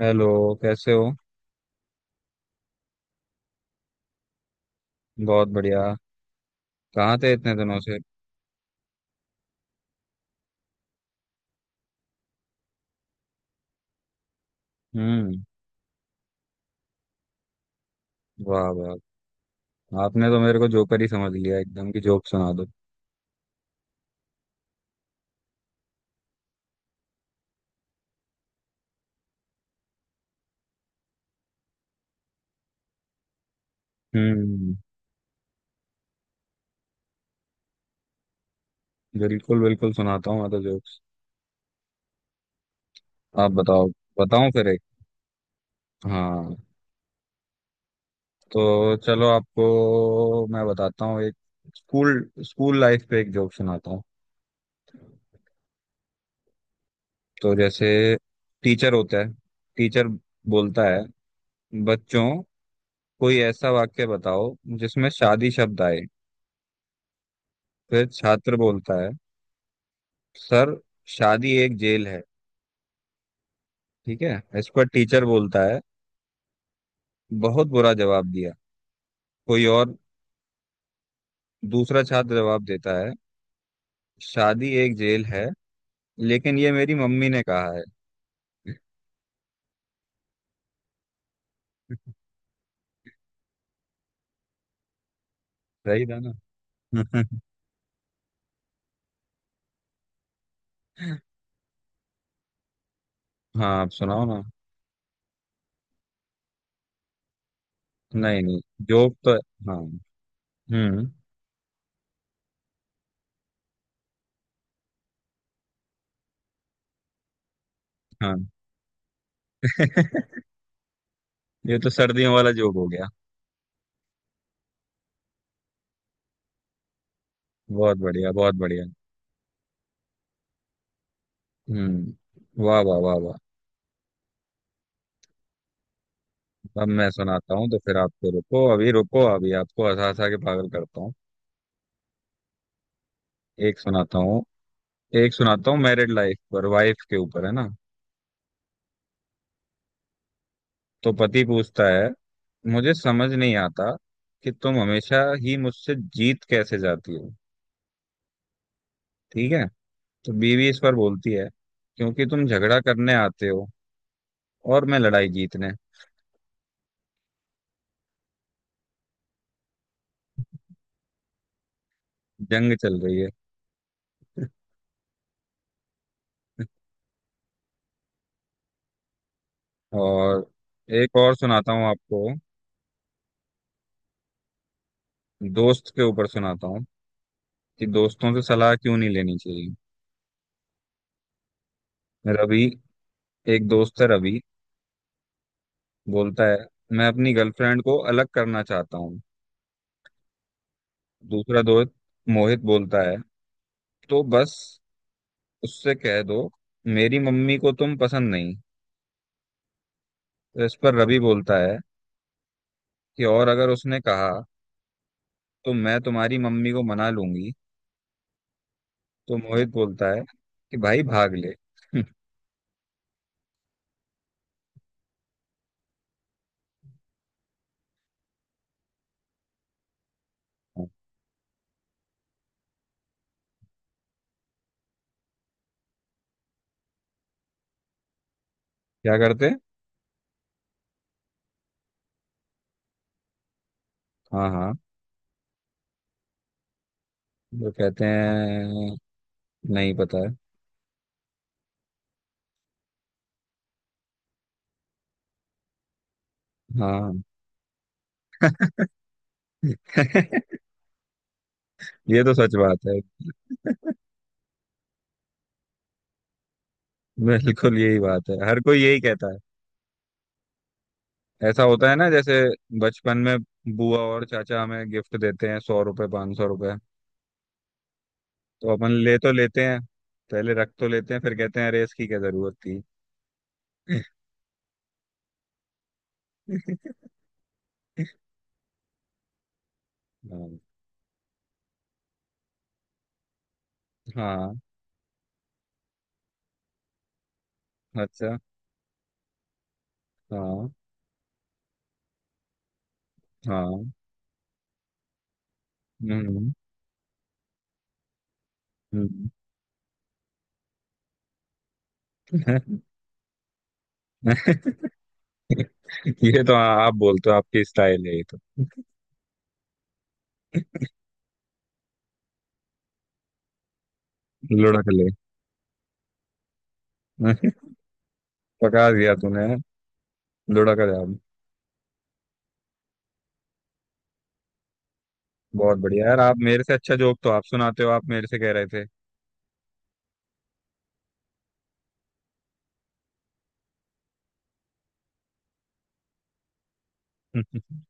Hello. कैसे हो? बहुत बढ़िया। कहाँ थे इतने दिनों से? हम्म। वाह वाह। आपने तो मेरे को जोकर ही समझ लिया एकदम की जोक सुना दो। हम्म। बिल्कुल बिल्कुल सुनाता हूँ मैं तो जोक्स। आप बताओ। बताऊँ फिर एक? हाँ। तो चलो आपको मैं बताता हूँ एक। स्कूल स्कूल लाइफ पे एक जोक सुनाता हूँ। तो जैसे टीचर होता है। टीचर बोलता है, बच्चों कोई ऐसा वाक्य बताओ जिसमें शादी शब्द आए। फिर छात्र बोलता है, सर शादी एक जेल है। ठीक है। इस पर टीचर बोलता है, बहुत बुरा जवाब दिया, कोई और? दूसरा छात्र जवाब देता है, शादी एक जेल है लेकिन ये मेरी मम्मी ने कहा है। सही था ना? हाँ आप सुनाओ ना। नहीं नहीं, जोक तो हाँ। हम्म। हाँ। ये तो सर्दियों वाला जोक हो गया। बहुत बढ़िया बहुत बढ़िया। वाह वाह वाह वाह। अब मैं सुनाता हूँ तो फिर आपको, रुको अभी, रुको अभी आपको हंसा हंसा के पागल करता हूँ। एक सुनाता हूँ एक सुनाता हूँ मैरिड लाइफ पर, वाइफ के ऊपर है ना। तो पति पूछता है, मुझे समझ नहीं आता कि तुम हमेशा ही मुझसे जीत कैसे जाती हो। ठीक है। तो बीवी इस पर बोलती है, क्योंकि तुम झगड़ा करने आते हो और मैं लड़ाई जीतने। जंग चल रही है। और एक और सुनाता हूँ आपको। दोस्त के ऊपर सुनाता हूँ कि दोस्तों से सलाह क्यों नहीं लेनी चाहिए। रवि, एक दोस्त है रवि, बोलता है, मैं अपनी गर्लफ्रेंड को अलग करना चाहता हूँ। दूसरा दोस्त मोहित बोलता है, तो बस उससे कह दो मेरी मम्मी को तुम पसंद नहीं। तो इस पर रवि बोलता है कि और अगर उसने कहा तो मैं तुम्हारी मम्मी को मना लूंगी। तो मोहित बोलता है कि भाई भाग ले। क्या करते हैं? हाँ हाँ। वो कहते हैं? नहीं पता है। हाँ। ये तो सच बात है। बिल्कुल यही बात है, हर कोई यही कहता है। ऐसा होता है ना, जैसे बचपन में बुआ और चाचा हमें गिफ्ट देते हैं, 100 रुपए, 500 रुपए, तो अपन ले तो लेते हैं, पहले रख तो लेते हैं, फिर कहते हैं अरे इसकी क्या जरूरत थी। हाँ। हाँ। अच्छा। हाँ। हाँ। हम्म। हम्म। ये तो आप बोलते हो, आपकी स्टाइल है ये तो। लुढ़क ले। पका दिया तूने। लुढ़क जाम। बहुत बढ़िया यार, आप मेरे से अच्छा जोक तो आप सुनाते हो, आप मेरे से कह रहे थे।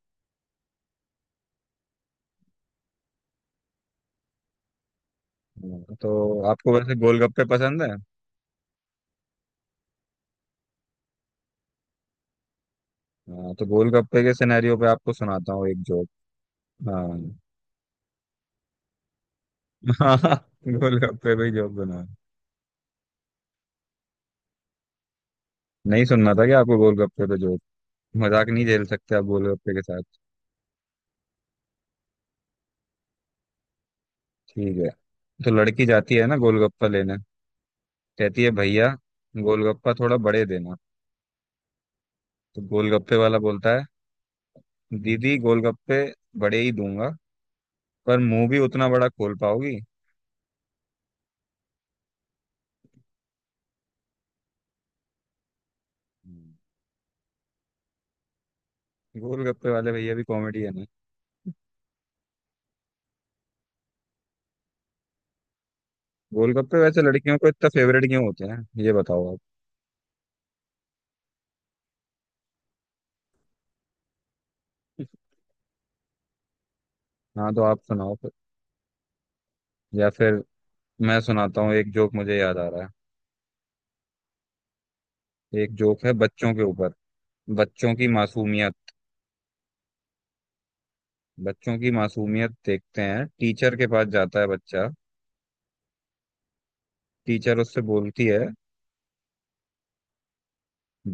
हाँ, तो आपको वैसे गोलगप्पे पसंद है? हाँ तो गोलगप्पे के सिनेरियो पे आपको सुनाता हूँ एक जोक। हाँ हाँ, गोलगप्पे पे ही जोक बना। नहीं सुनना था क्या आपको गोलगप्पे पे जोक? मजाक नहीं झेल सकते आप गोलगप्पे के साथ? ठीक है। तो लड़की जाती है ना गोलगप्पा लेने, कहती है भैया गोलगप्पा थोड़ा बड़े देना। तो गोलगप्पे वाला बोलता है, दीदी गोलगप्पे बड़े ही दूंगा पर मुंह भी उतना बड़ा खोल पाओगी? हम्म। गोलगप्पे वाले भैया भी कॉमेडी है ना। गोलगप्पे वैसे लड़कियों को इतना फेवरेट क्यों होते हैं? ये बताओ आप। हाँ तो आप सुनाओ फिर, या फिर मैं सुनाता हूँ एक जोक। मुझे याद आ रहा है। एक जोक है बच्चों के ऊपर, बच्चों की मासूमियत, बच्चों की मासूमियत देखते हैं। टीचर के पास जाता है बच्चा। टीचर उससे बोलती है,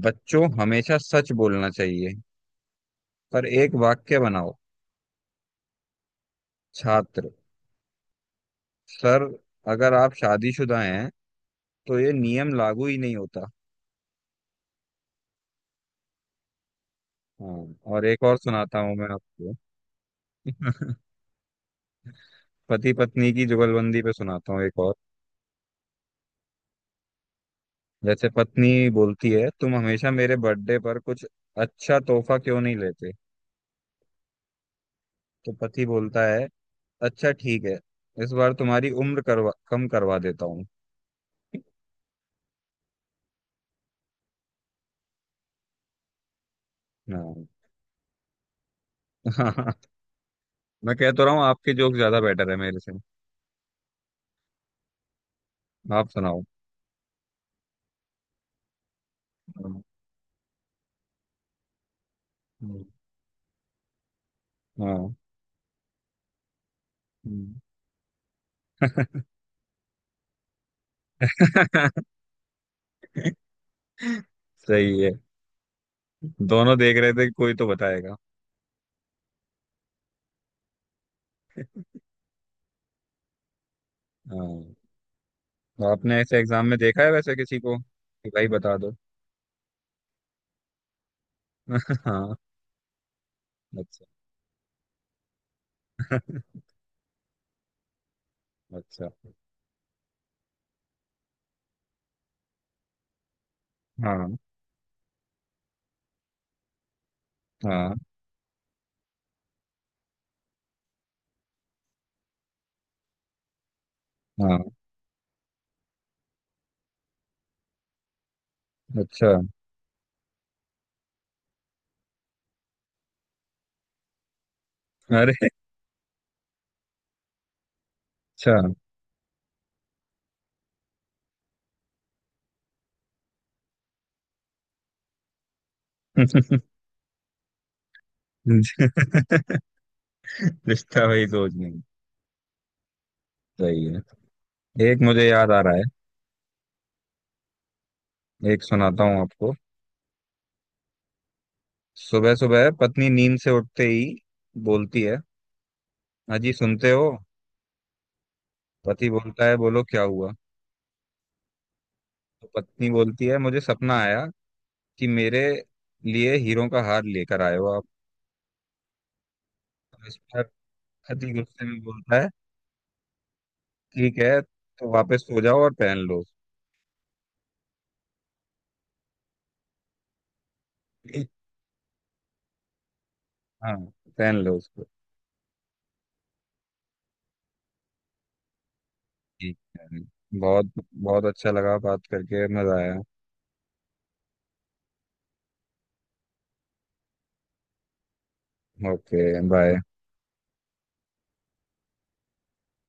बच्चों हमेशा सच बोलना चाहिए, पर एक वाक्य बनाओ। छात्र, सर अगर आप शादीशुदा हैं तो ये नियम लागू ही नहीं होता। हाँ। और एक और सुनाता हूँ मैं आपको। पति पत्नी की जुगलबंदी पे सुनाता हूँ एक और। जैसे पत्नी बोलती है, तुम हमेशा मेरे बर्थडे पर कुछ अच्छा तोहफा क्यों नहीं लेते? तो पति बोलता है, अच्छा ठीक है, इस बार तुम्हारी उम्र करवा कम करवा देता हूँ। हाँ। मैं कह तो रहा हूँ आपके जोक ज्यादा बेटर है मेरे से। आप सुनाओ। हम्म, हम्म, हाँ। हम्म। सही है, दोनों देख रहे थे कि कोई तो बताएगा। हाँ। आपने ऐसे एग्जाम में देखा है वैसे किसी को कि भाई बता दो? हाँ। अच्छा। अच्छा। हाँ। हाँ। हाँ। अच्छा। अरे। अच्छा। रिश्ता वही सोच नहीं। सही है। एक मुझे याद आ रहा है, एक सुनाता हूँ आपको। सुबह सुबह पत्नी नींद से उठते ही बोलती है, अजी सुनते हो? पति बोलता है, बोलो क्या हुआ। तो पत्नी बोलती है, मुझे सपना आया कि मेरे लिए हीरों का हार लेकर आए हो आप। तो इस पर पति गुस्से में बोलता है, ठीक है तो वापस सो जाओ और पहन लो। हाँ, पहन लो उसको। ठीक है। बहुत, बहुत अच्छा लगा बात करके, मजा आया। Okay bye.